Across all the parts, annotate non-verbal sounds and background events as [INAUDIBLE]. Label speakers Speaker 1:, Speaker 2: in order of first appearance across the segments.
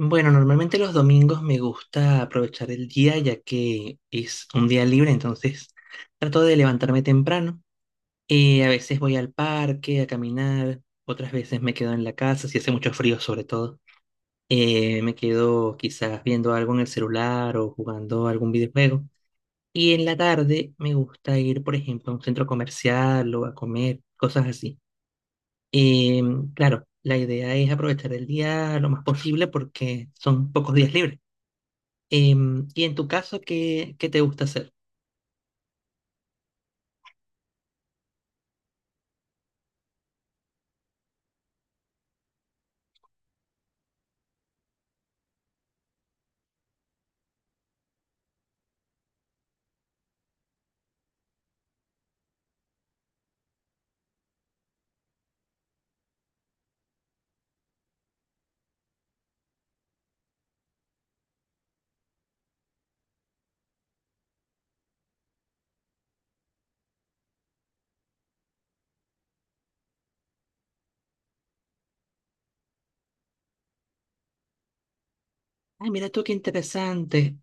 Speaker 1: Bueno, normalmente los domingos me gusta aprovechar el día ya que es un día libre, entonces trato de levantarme temprano. A veces voy al parque a caminar, otras veces me quedo en la casa, si hace mucho frío sobre todo. Me quedo quizás viendo algo en el celular o jugando algún videojuego. Y en la tarde me gusta ir, por ejemplo, a un centro comercial o a comer, cosas así. Claro, la idea es aprovechar el día lo más posible porque son pocos días libres. Y en tu caso, ¿ qué te gusta hacer? Ah, mira tú, qué interesante.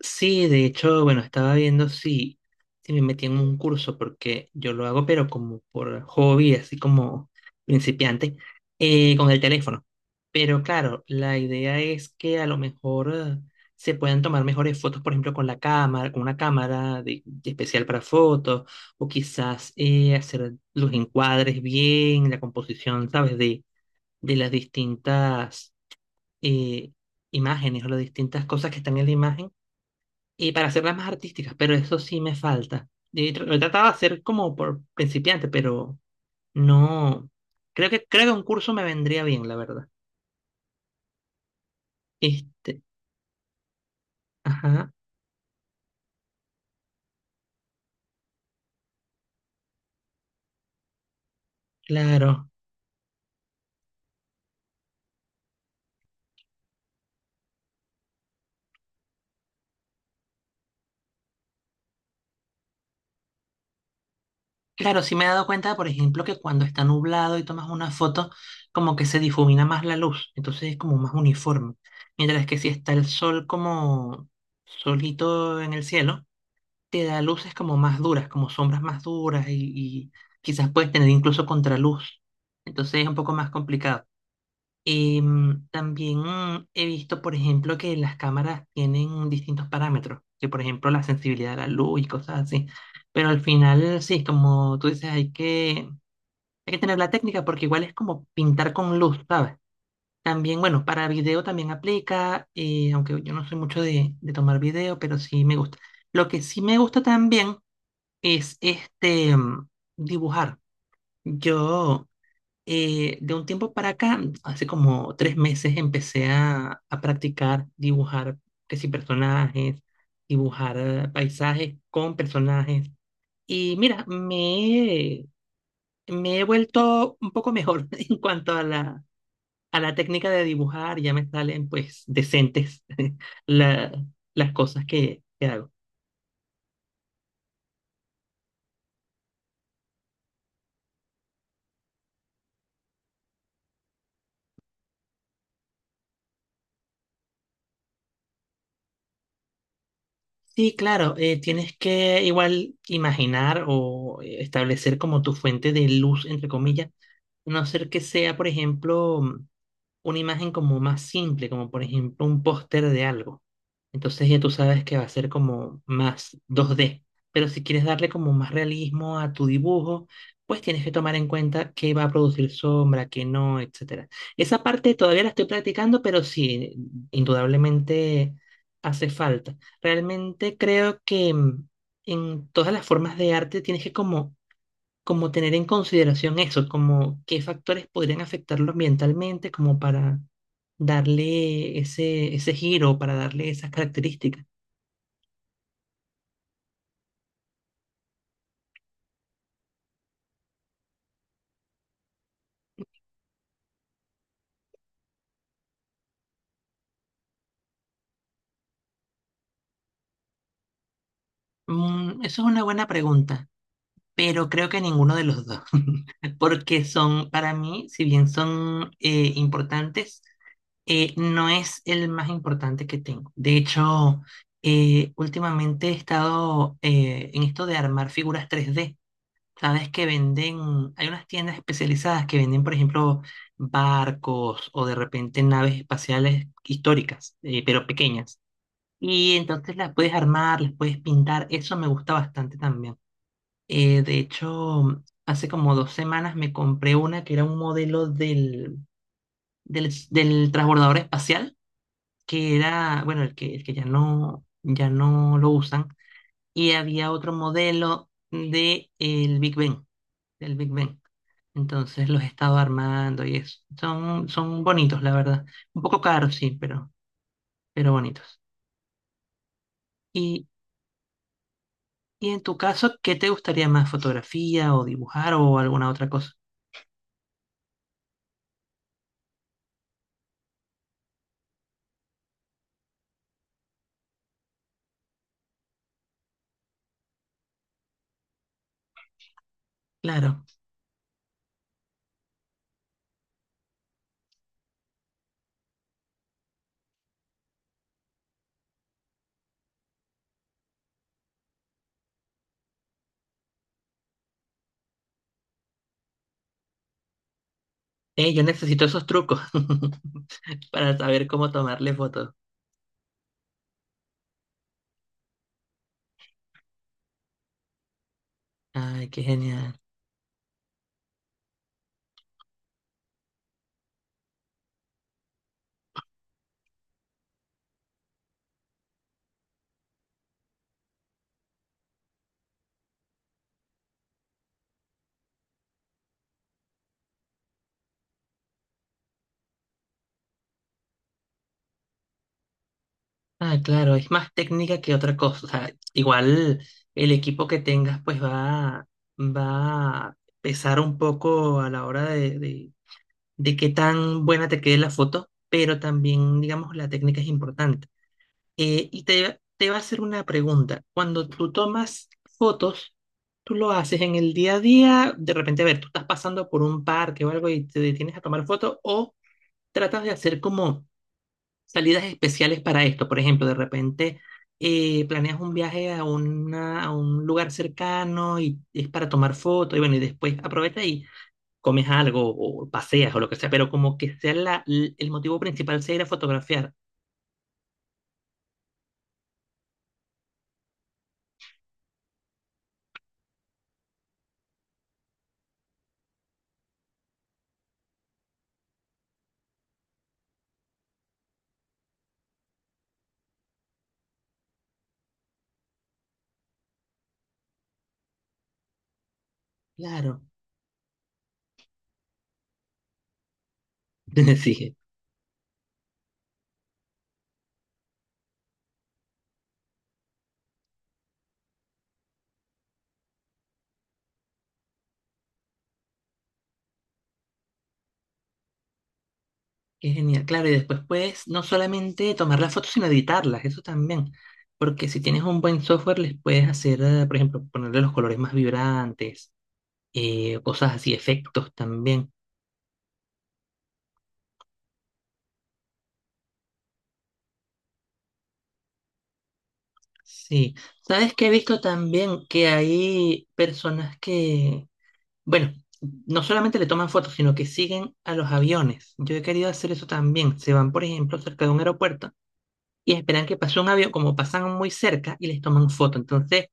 Speaker 1: Sí, de hecho, bueno, estaba viendo si me metí en un curso, porque yo lo hago, pero como por hobby, así como principiante, con el teléfono. Pero claro, la idea es que a lo mejor se puedan tomar mejores fotos, por ejemplo, con la cámara, con una cámara de especial para fotos, o quizás hacer los encuadres bien, la composición, ¿sabes? De las distintas eh, imágenes o las distintas cosas que están en la imagen y para hacerlas más artísticas, pero eso sí me falta. Y lo he tratado de hacer como por principiante, pero no. Creo que un curso me vendría bien, la verdad. Este, ajá, claro. Claro, sí me he dado cuenta, por ejemplo, que cuando está nublado y tomas una foto, como que se difumina más la luz, entonces es como más uniforme. Mientras que si está el sol como solito en el cielo, te da luces como más duras, como sombras más duras y quizás puedes tener incluso contraluz. Entonces es un poco más complicado. También he visto, por ejemplo, que las cámaras tienen distintos parámetros, que por ejemplo la sensibilidad a la luz y cosas así. Pero al final, sí, como tú dices, hay que tener la técnica porque igual es como pintar con luz, ¿sabes? También, bueno, para video también aplica, aunque yo no soy mucho de tomar video, pero sí me gusta. Lo que sí me gusta también es dibujar. Yo de un tiempo para acá, hace como 3 meses, a practicar dibujar, que si personajes, dibujar paisajes con personajes. Y mira, me he vuelto un poco mejor [LAUGHS] en cuanto a a la técnica de dibujar. Ya me salen pues decentes [LAUGHS] la- las cosas que hago. Sí, claro, tienes que igual imaginar o establecer como tu fuente de luz, entre comillas, a no ser que sea, por ejemplo, una imagen como más simple, como por ejemplo un póster de algo. Entonces ya tú sabes que va a ser como más 2D. Pero si quieres darle como más realismo a tu dibujo, pues tienes que tomar en cuenta qué va a producir sombra, qué no, etcétera. Esa parte todavía la estoy practicando, pero sí, indudablemente hace falta. Realmente creo que en todas las formas de arte tienes que como tener en consideración eso, como qué factores podrían afectarlo ambientalmente, como para darle ese giro, para darle esas características. Eso es una buena pregunta, pero creo que ninguno de los dos, [LAUGHS] porque son, para mí, si bien son importantes, no es el más importante que tengo. De hecho, últimamente he estado en esto de armar figuras 3D. Sabes que venden, hay unas tiendas especializadas que venden, por ejemplo, barcos o de repente naves espaciales históricas, pero pequeñas. Y entonces las puedes armar, las puedes pintar, eso me gusta bastante también. De hecho, hace como 2 semanas me compré una que era un modelo del transbordador espacial, que era, bueno, el que ya no, ya no lo usan, y había otro modelo de el Big Ben del Big Bang. Entonces los he estado armando y eso. Son bonitos, la verdad. Un poco caros, sí, pero bonitos. Y, y en tu caso, ¿qué te gustaría más? ¿Fotografía o dibujar o alguna otra cosa? Claro. Yo necesito esos trucos [LAUGHS] para saber cómo tomarle fotos. Ay, qué genial. Ah, claro, es más técnica que otra cosa. O sea, igual el equipo que tengas pues va a pesar un poco a la hora de qué tan buena te quede la foto, pero también, digamos, la técnica es importante. Te va a hacer una pregunta. Cuando tú tomas fotos, tú lo haces en el día a día, de repente, a ver, tú estás pasando por un parque o algo y te detienes a tomar fotos, o tratas de hacer como salidas especiales para esto. Por ejemplo, de repente planeas un viaje a un lugar cercano y es para tomar fotos, y bueno, y después aprovecha y comes algo o paseas o lo que sea, pero como que sea el motivo principal sea ir a fotografiar. Claro. [LAUGHS] Sí, qué genial. Claro, y después puedes no solamente tomar las fotos, sino editarlas, eso también. Porque si tienes un buen software, les puedes hacer, por ejemplo, ponerle los colores más vibrantes, cosas así, efectos también. Sí. ¿Sabes qué he visto también? Que hay personas que bueno, no solamente le toman fotos, sino que siguen a los aviones. Yo he querido hacer eso también. Se van, por ejemplo, cerca de un aeropuerto y esperan que pase un avión, como pasan muy cerca y les toman foto. Entonces,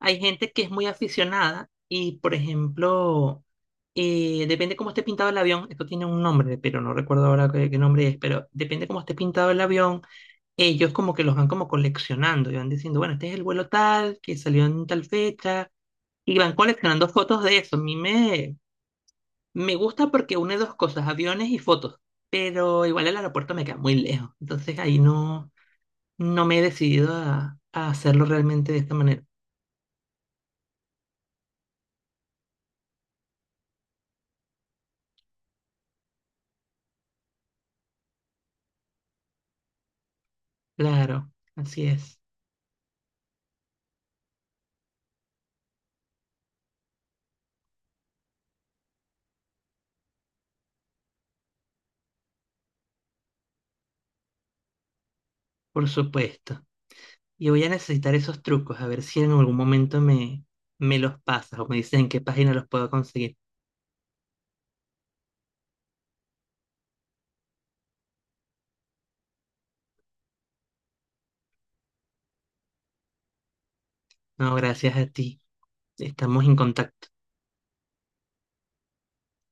Speaker 1: hay gente que es muy aficionada y, por ejemplo, depende cómo esté pintado el avión. Esto tiene un nombre, pero no recuerdo ahora qué nombre es, pero depende cómo esté pintado el avión. Ellos como que los van como coleccionando y van diciendo, bueno, este es el vuelo tal, que salió en tal fecha. Y van coleccionando fotos de eso. Me gusta porque une 2 cosas, aviones y fotos, pero igual el aeropuerto me queda muy lejos, entonces ahí no, no me he decidido a hacerlo realmente de esta manera. Claro, así es, por supuesto. Y voy a necesitar esos trucos, a ver si en algún momento me los pasas o me dicen en qué página los puedo conseguir. No, gracias a ti, estamos en contacto.